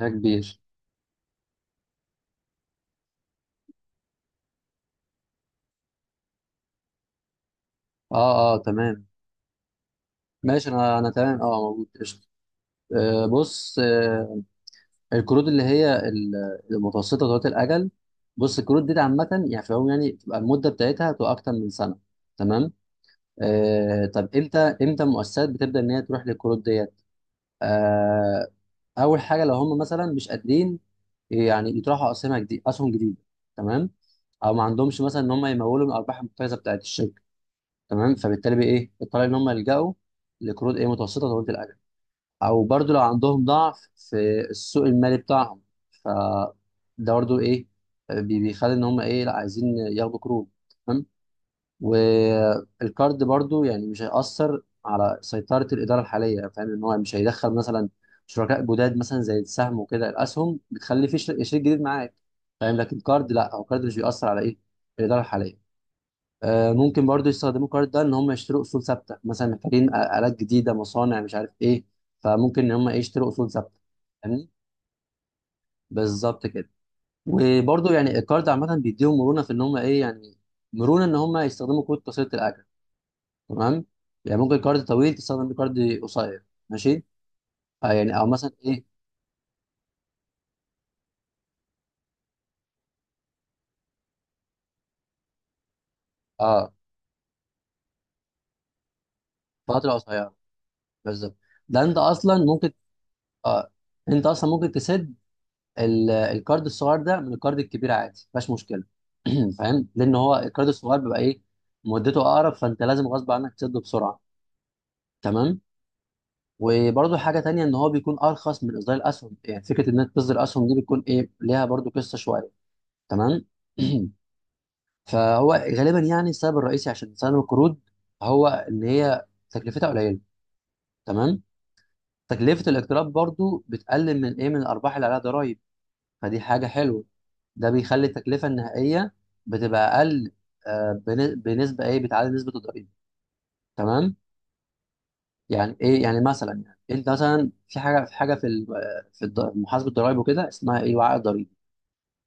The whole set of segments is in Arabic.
يا كبير. اه تمام، ماشي، انا تمام، اه، موجود، قشطه. آه بص، آه الكروت اللي هي المتوسطه ذات الاجل. بص الكروت دي عامه، يعني في العموم يعني بتبقى المده بتاعتها بتبقى اكتر من سنه، تمام. آه طب امتى المؤسسات بتبدا ان هي تروح للكروت ديت؟ آه اول حاجه، لو هم مثلا مش قادرين يعني يطرحوا اسهم جديده، تمام، او ما عندهمش مثلا ان هم يمولوا من الارباح المحتجزه بتاعت الشركه، تمام. فبالتالي بقى ايه الطريقه؟ ان هم يلجأوا لقروض ايه، متوسطه طويله الاجل، او برضو لو عندهم ضعف في السوق المالي بتاعهم. ف ده برضو ايه، بيخلي ان هم ايه، لا عايزين ياخدوا قروض، تمام. والقرض برضو يعني مش هيأثر على سيطره الاداره الحاليه، فاهم ان هو مش هيدخل مثلا شركاء جداد، مثلا زي السهم وكده، الاسهم بتخلي في شريك جديد معاك، فاهم؟ لكن قرض لا، هو قرض مش بيأثر على ايه، الاداره الحاليه. آه، ممكن برضو يستخدموا الكارد ده ان هم يشتروا اصول ثابته، مثلا محتاجين الات جديده، مصانع، مش عارف ايه، فممكن ان هم إيه، يشتروا اصول ثابته، فاهمني؟ بالظبط كده. وبرضو يعني الكارد عامه بيديهم مرونه في ان هم ايه يعني، مرونه ان هم يستخدموا كود قصيره الاجل، تمام. يعني ممكن كارد طويل تستخدم بيه كارد قصير، ماشي. آه يعني، او مثلا ايه، اه، فتره قصيره، بالظبط. ده انت اصلا ممكن، اه، انت اصلا ممكن تسد الكارد الصغير ده من الكارد الكبير، عادي، مفيهاش مشكله. فاهم، لان هو الكارد الصغير بيبقى ايه، مدته اقرب، فانت لازم غصب عنك تسده بسرعه، تمام. وبرده حاجه تانية، ان هو بيكون ارخص من اصدار الاسهم، يعني فكره انك تصدر اسهم دي بتكون ايه، ليها برده قصه شويه، تمام. فهو غالبا يعني السبب الرئيسي عشان تسلم القروض، هو ان هي تكلفتها قليله، تمام. تكلفه الاقتراض برضو بتقلل من ايه، من الارباح اللي عليها ضرائب، فدي حاجه حلوه. ده بيخلي التكلفه النهائيه بتبقى اقل، آه، بنسبه ايه، بتعادل نسبه الضريبه، تمام. يعني ايه يعني؟ مثلا يعني انت مثلا في حاجه في حاجه في آه، في محاسبه الضرائب وكده، اسمها ايه، وعاء الضريبي.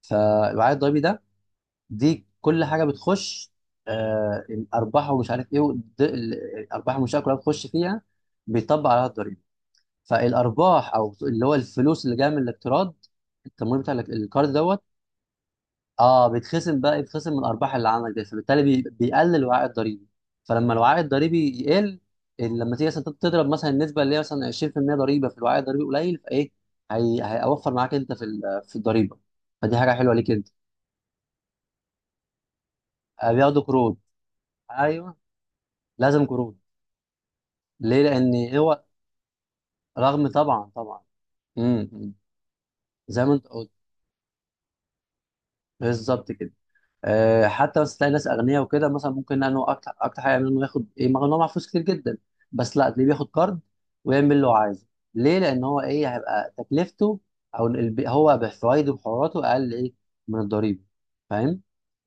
فالوعاء الضريبي ده، دي كل حاجه بتخش، آه، الارباح ومش عارف ايه، الارباح المنشاه كلها بتخش فيها، بيطبق عليها الضريبه. فالارباح او اللي هو الفلوس اللي جايه من الاقتراض، التمويل بتاع القرض دوت، اه بيتخصم بقى، يتخصم من الارباح اللي عندك دي، فبالتالي بيقلل الوعاء الضريبي. فلما الوعاء الضريبي يقل، لما تيجي مثلا تضرب مثلا النسبه اللي هي مثلا 20% ضريبه في الوعاء الضريبي قليل، فايه، هيوفر معاك انت في في الضريبه، فدي حاجه حلوه ليك انت. آه، بياخدوا قروض، ايوه، لازم قروض، ليه؟ لان هو، رغم، طبعا طبعا، امم امم. زي ما انت قلت، بالظبط كده. آه، حتى بس تلاقي ناس اغنياء وكده، مثلا ممكن لانه اكتر، اكتر حاجه يعمل انه ياخد ايه، مع ان هو معاه فلوس كتير جدا، بس لا، تلاقيه بياخد كارد ويعمل اللي هو عايزه، ليه؟ لان هو ايه، هيبقى تكلفته، او هو بفوايده وحراته اقل ايه، من الضريبه، فاهم؟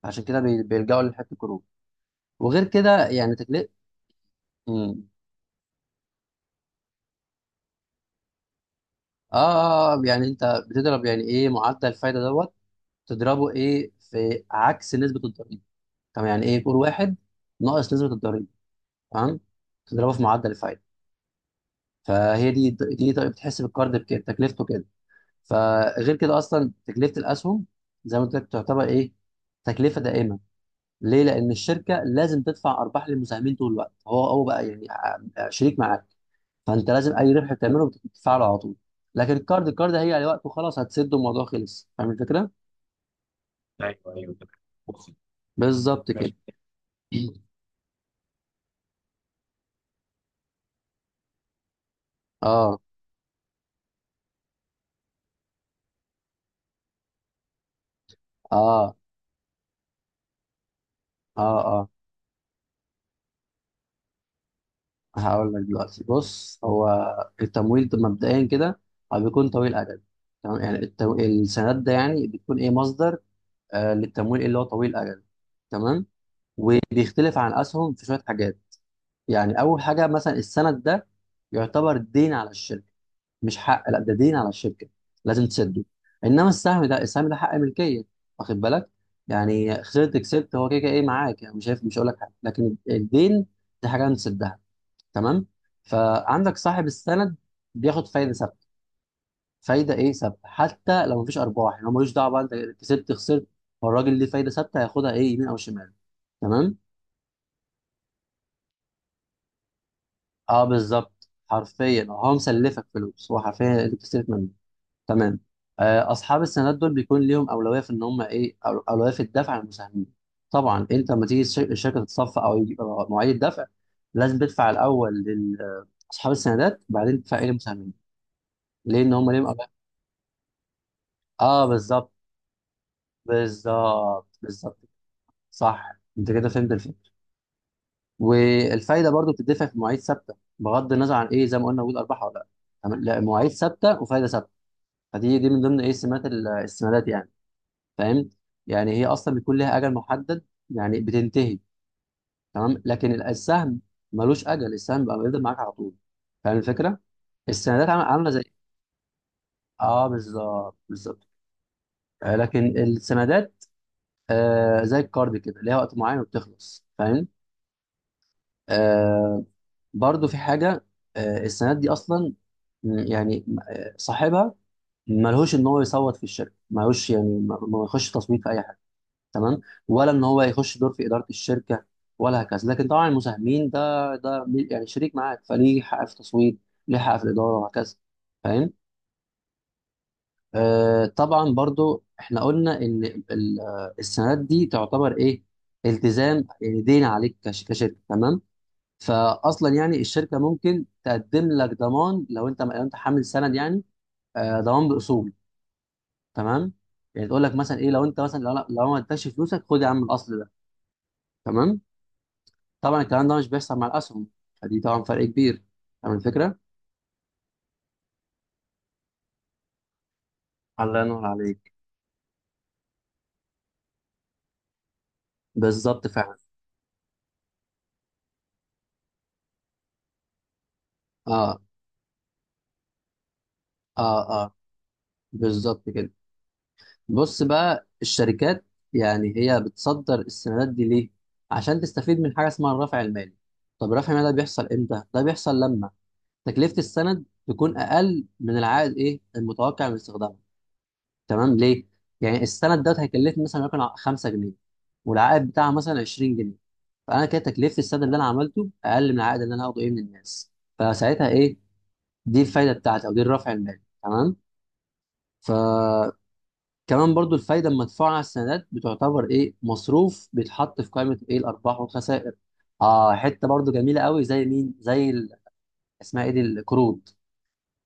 عشان كده بيلجأوا لحته القروض. وغير كده يعني تكلفه، امم، آه, يعني انت بتضرب يعني ايه، معدل الفايده دوت، تضربه ايه في عكس نسبه الضريبه. طب يعني ايه؟ كور واحد ناقص نسبه الضريبه، تمام، تضربه في معدل الفايده. فهي دي طريقه بتحس بالكارد بكده تكلفته كده. فغير كده، اصلا تكلفه الاسهم زي ما قلت لك تعتبر ايه، تكلفه دائمه، ليه؟ لان الشركه لازم تدفع ارباح للمساهمين طول الوقت، هو بقى يعني شريك معاك، فانت لازم اي ربح بتعمله بتدفعه على طول. لكن الكارد، الكارد هيجي على وقت وخلاص هتسد الموضوع، خلص، فاهم الفكره؟ بالظبط كده. اه اه اه هقول لك دلوقتي، بص هو التمويل ده مبدئيا كده هو بيكون طويل اجل، تمام. يعني السندات ده يعني بتكون ايه، مصدر آه للتمويل اللي هو طويل اجل، تمام. وبيختلف عن اسهم في شويه حاجات. يعني اول حاجه، مثلا السند ده يعتبر دين على الشركه، مش حق، لا ده دين على الشركه، لازم تسده. انما السهم ده حق ملكيه، واخد بالك؟ يعني خسرت كسبت، هو كده كده ايه معاك، يعني مش شايف، مش هقول لك حاجه. لكن الدين دي حاجه نسدها، تمام. فعندك صاحب السند بياخد فايده ثابته، فايده ايه، ثابته، حتى لو مفيش ارباح، يعني هو ملوش دعوه، بقى انت كسبت خسرت، فالراجل ليه فايده ثابته، هياخدها ايه يمين او شمال، تمام. اه بالظبط، حرفيا هو مسلفك فلوس، هو حرفيا اللي بتستلف منه، تمام. آه اصحاب السندات دول بيكون ليهم اولويه في ان هم ايه، اولويه في الدفع عن المساهمين. طبعا انت لما تيجي الشركه تتصفى، او يجي أو مواعيد الدفع، لازم تدفع الاول لاصحاب السندات، وبعدين تدفع ايه للمساهمين، ليه؟ ان هم ليهم، اه بالظبط بالظبط. صح، انت كده فهمت الفكره. والفايده برضو بتدفع في مواعيد ثابته بغض النظر عن ايه، زي ما قلنا، وجود ارباح ولا لا، تمام؟ لا، مواعيد ثابته وفايده ثابته. فدي من ضمن ايه، سمات السندات يعني، فاهم؟ يعني هي اصلا بيكون لها اجل محدد، يعني بتنتهي، تمام. لكن السهم ملوش اجل، السهم بقى بيفضل معاك على طول، فاهم الفكره؟ السندات عامله، عاملة زي، اه بالظبط بالظبط. آه، لكن السندات، آه زي الكارد كده، ليها وقت معين وبتخلص، فاهم. آه برضو في حاجة، آه السندات دي أصلا، يعني آه، صاحبها ملهوش إن هو يصوت في الشركة، ملهوش يعني ما يخش تصويت في أي حاجة، تمام. ولا إن هو يخش دور في إدارة الشركة ولا هكذا. لكن طبعا المساهمين ده يعني شريك معاك، فليه حق في التصويت، ليه حق في الإدارة وهكذا، فاهم. آه طبعا برضو إحنا قلنا إن آه، السندات دي تعتبر إيه، التزام، يعني دين عليك كشركة، تمام. فاصلا يعني الشركه ممكن تقدم لك ضمان، لو انت، لو انت حامل سند يعني، آه، ضمان باصول، تمام. يعني تقول لك مثلا ايه، لو انت مثلا لو ما ادكش فلوسك، خد يا عم الاصل ده، تمام. طبعا الكلام ده مش بيحصل مع الاسهم، فدي طبعا فرق كبير، فاهم الفكره. الله ينور عليك، بالظبط فعلا، اه اه بالظبط كده. بص بقى الشركات، يعني هي بتصدر السندات دي ليه؟ عشان تستفيد من حاجه اسمها الرفع المالي. طب الرفع المالي ده بيحصل امتى؟ ده بيحصل لما تكلفة السند تكون أقل من العائد إيه، المتوقع من استخدامه، تمام. ليه؟ يعني السند دوت هيكلفني مثلا وليكن 5 جنيه، والعائد بتاعها مثلا 20 جنيه، فأنا كده تكلفة السند اللي أنا عملته أقل من العائد اللي أنا هاخده إيه من الناس، فساعتها إيه، دي الفايدة بتاعتي، أو دي الرفع المالي، تمام. فكمان، برضو الفايدة المدفوعة على السندات بتعتبر إيه، مصروف بيتحط في قائمة إيه، الأرباح والخسائر، آه حتة برضو جميلة قوي، زي مين، زي اسمها إيه دي، القروض.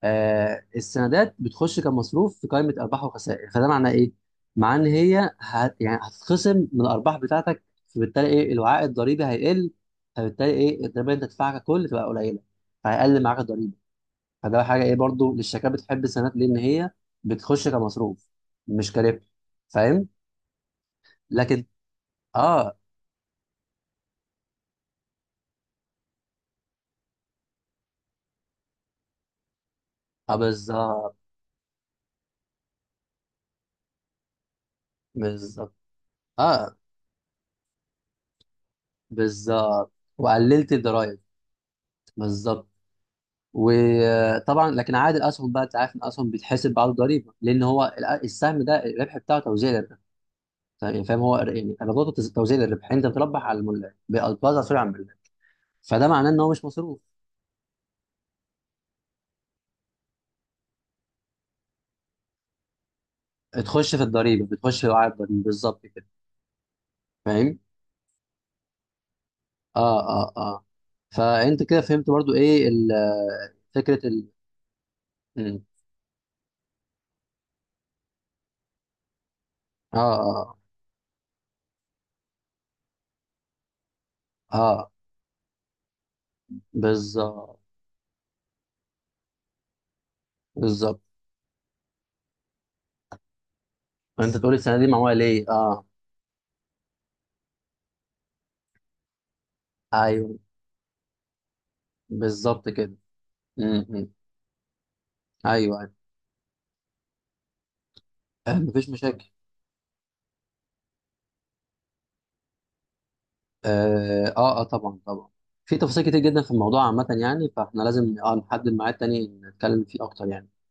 آه السندات بتخش كمصروف في قائمه ارباح وخسائر، فده معناه ايه؟ معناه ان هي هت، يعني هتتخصم من الارباح بتاعتك، فبالتالي ايه، الوعاء الضريبي هيقل، فبالتالي ايه، الضريبه اللي انت تدفعها ككل تبقى قليله، فهيقل معاك الضريبه، فده حاجه ايه برضو، للشركات بتحب السندات ليه؟ ان هي بتخش كمصروف، مش كربح، فاهم؟ لكن، اه اه بالظبط، بالظبط، اه بالظبط، وقللت الضرايب، بالظبط. وطبعا لكن عائد الاسهم بقى، انت عارف ان الاسهم بيتحسب بعد الضريبه، لان هو السهم ده الربح بتاعه توزيع للربح يعني، فاهم، هو يعني ايراداته توزيع للربح، يعني انت بتربح على الملاك، بتوزع، سوري، على الملاك، فده معناه ان هو مش مصروف، تخش في الضريبه، بتخش في عائد الضريبه، بالظبط كده، فاهم. اه فانت كده فهمت برضو ايه فكره مم. اه اه اه آه، بالظبط بالظبط. انت تقول السنه دي معموله ليه، اه، ايوه، بالظبط كده. مم، مم. ايوه، أيوه. آه، مفيش مشاكل، اه آه، طبعا طبعا، في تفاصيل كتير جدا في الموضوع عامة يعني، فاحنا لازم اه نحدد ميعاد تاني نتكلم فيه اكتر يعني.